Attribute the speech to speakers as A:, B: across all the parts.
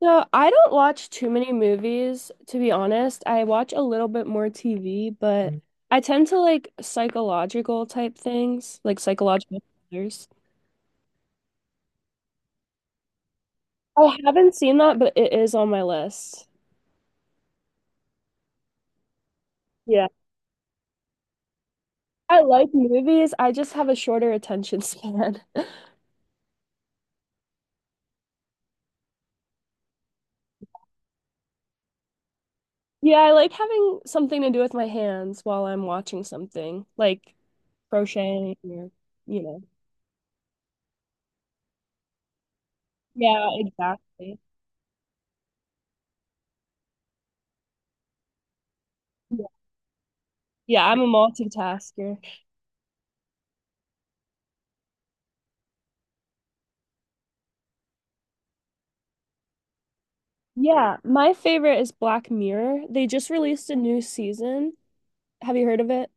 A: So I don't watch too many movies, to be honest. I watch a little bit more TV, but I tend to like psychological type things, like psychological thrillers. I haven't seen that, but it is on my list. Yeah. I like movies. I just have a shorter attention span. Yeah, I like having something to do with my hands while I'm watching something, like crocheting or, you know. Yeah, exactly. Yeah, Yeah, I'm a multitasker. Yeah, my favorite is Black Mirror. They just released a new season. Have you heard of it?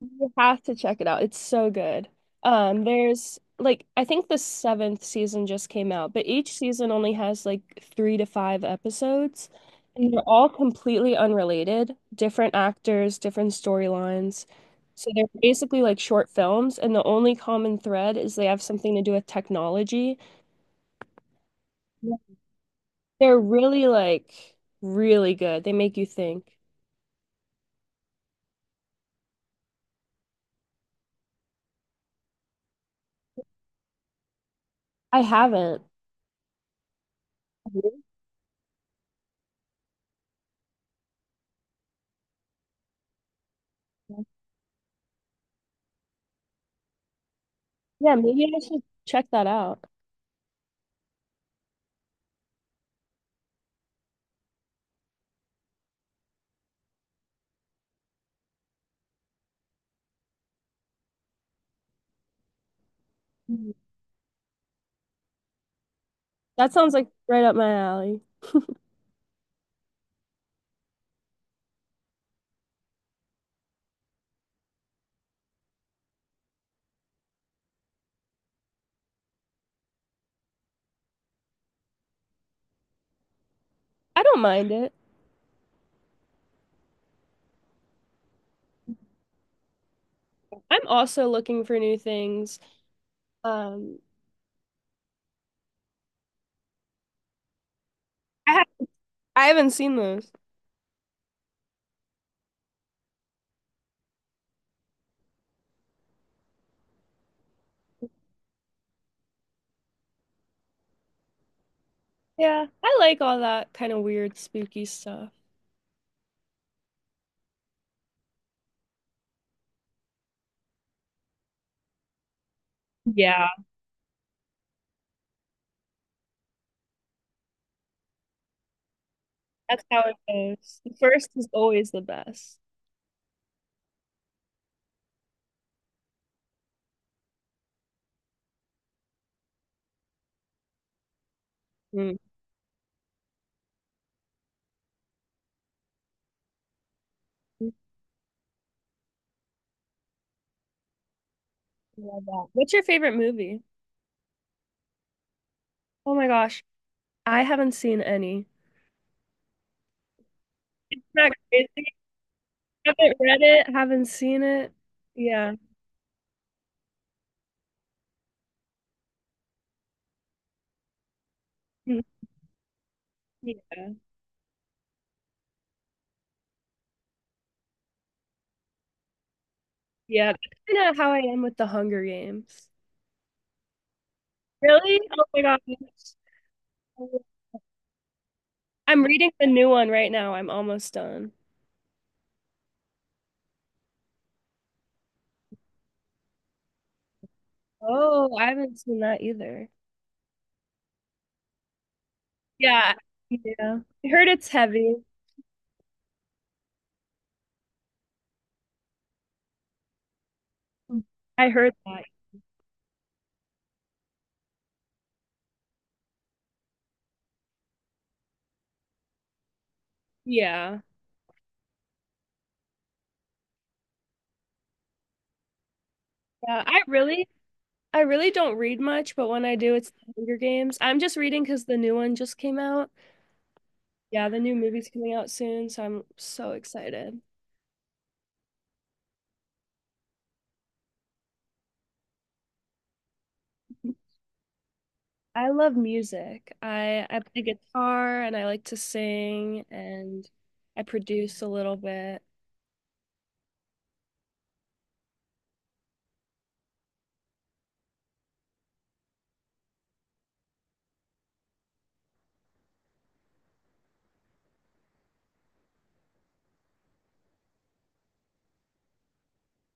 A: You have to check it out. It's so good. There's like I think the seventh season just came out, but each season only has like three to five episodes, and they're all completely unrelated, different actors, different storylines. So they're basically like short films, and the only common thread is they have something to do with technology. They're really really good. They make you think. I haven't. Really? Yeah, maybe I should check that out. Mhm. That sounds like right up my alley. I don't mind it. I'm also looking for new things. Um, I ha I haven't seen those. Yeah, I like all that kind of weird, spooky stuff. Yeah, that's how it goes. The first is always the best. Mm. I Love that. What's your favorite movie? Oh my gosh, I haven't seen any. Isn't that crazy? Haven't read it, haven't seen it. Yeah. Mhm. Yeah. Yeah. That's kind of how I am with The Hunger Games. Really? Oh my gosh. I'm reading the new one right now. I'm almost done. Oh, I haven't seen that either. Yeah. Yeah. I heard it's heavy. I heard that. Yeah. Yeah. I really don't read much, but when I do, it's The Hunger Games. I'm just reading because the new one just came out. Yeah, the new movie's coming out soon, so I'm so excited. I love music. I play guitar and I like to sing and I produce a little bit.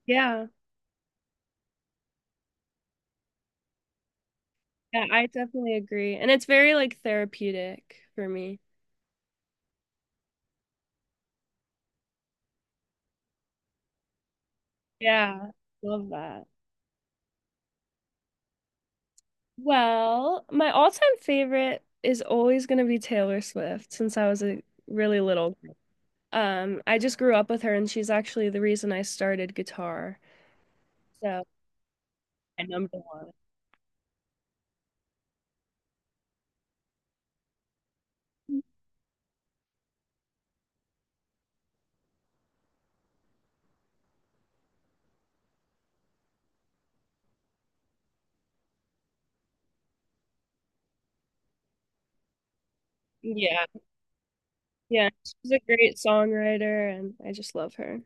A: Yeah. Yeah, I definitely agree. And it's very like therapeutic for me. Yeah. Love that. Well, my all-time favorite is always going to be Taylor Swift since I was a really little girl. I just grew up with her and she's actually the reason I started guitar. So, my number one. Yeah. Yeah, she's a great songwriter and I just love her.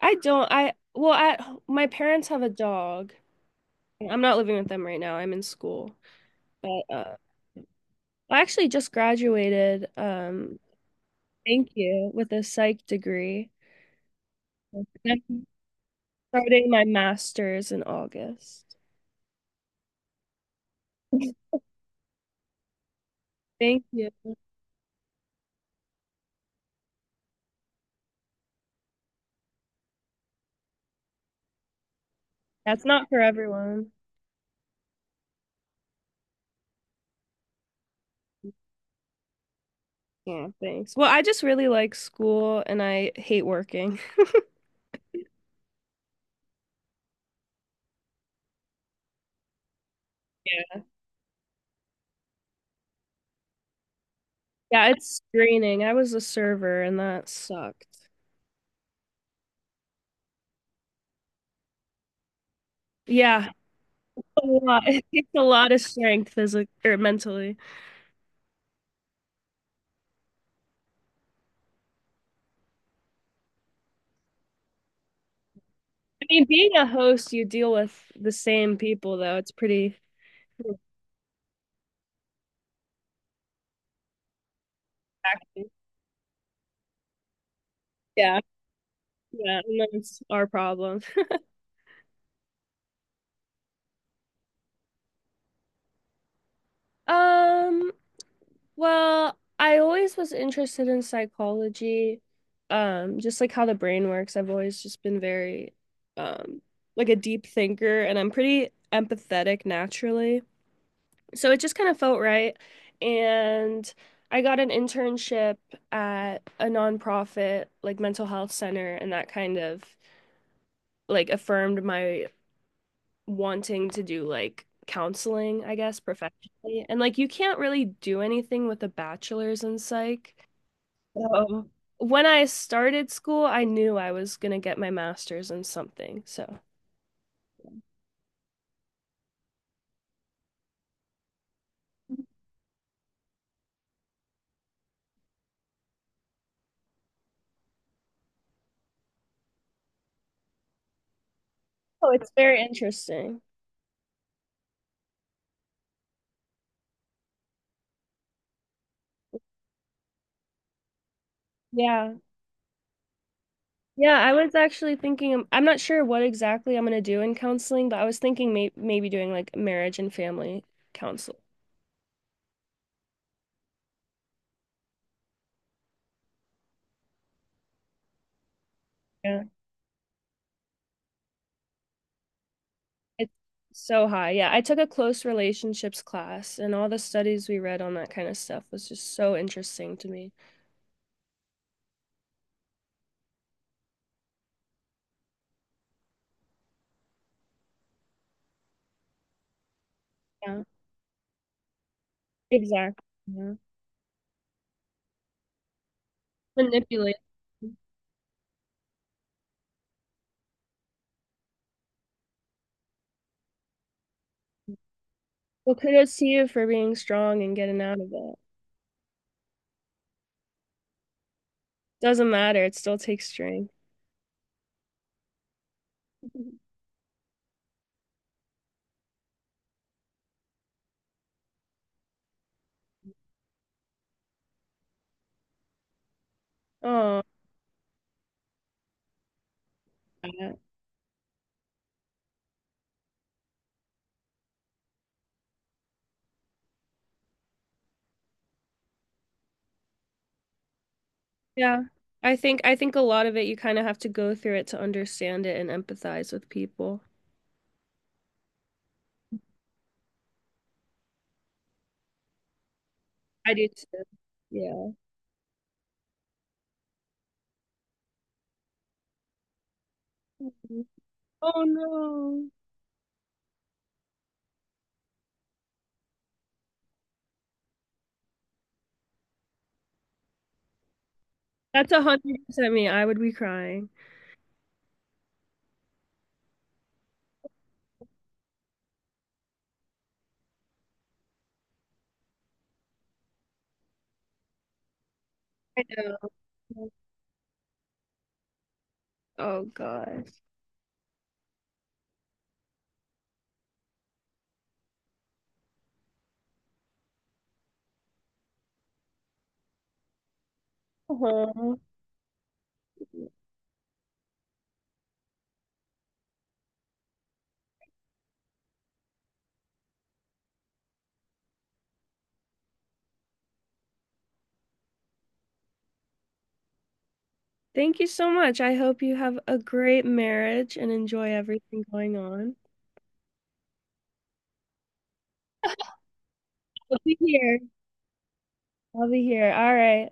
A: I don't. I well, at My parents have a dog. I'm not living with them right now. I'm in school, but I actually just graduated. Thank you with a psych degree. I'm starting my master's in August. Thank you. That's not for everyone. Yeah, thanks. Well, I just really like school and I hate working. Yeah. Yeah, it's draining. I was a server and that sucked. Yeah, a lot. It takes a lot of strength physically or mentally. I mean, being a host, you deal with the same people, though. It's pretty taxing. Yeah, yeah, and that's our problem. Um, well, I always was interested in psychology, just like how the brain works. I've always just been very, um, like a deep thinker, and I'm pretty empathetic naturally. So it just kind of felt right. And I got an internship at a nonprofit, like mental health center, and that kind of like affirmed my wanting to do like counseling, I guess, professionally. And like you can't really do anything with a bachelor's in psych. Um, when I started school, I knew I was gonna get my master's in something. So. Oh, it's very interesting. Yeah. Yeah, I was actually thinking, I'm not sure what exactly I'm gonna do in counseling, but I was thinking maybe doing like marriage and family counseling. Yeah. It's so high. Yeah, I took a close relationships class, and all the studies we read on that kind of stuff was just so interesting to me. Yeah, exactly. Yeah. Manipulate. Well, kudos to you for being strong and getting out of it. Doesn't matter, it still takes strength. Oh, yeah. Yeah. I think a lot of it you kind of have to go through it to understand it and empathize with people. I do too. Yeah. Mhm. Oh no. That's 100% me. I would be crying. I know. Oh gosh. Uh-huh. Thank you so much. I hope you have a great marriage and enjoy everything going on. I'll be here. I'll be here. All right.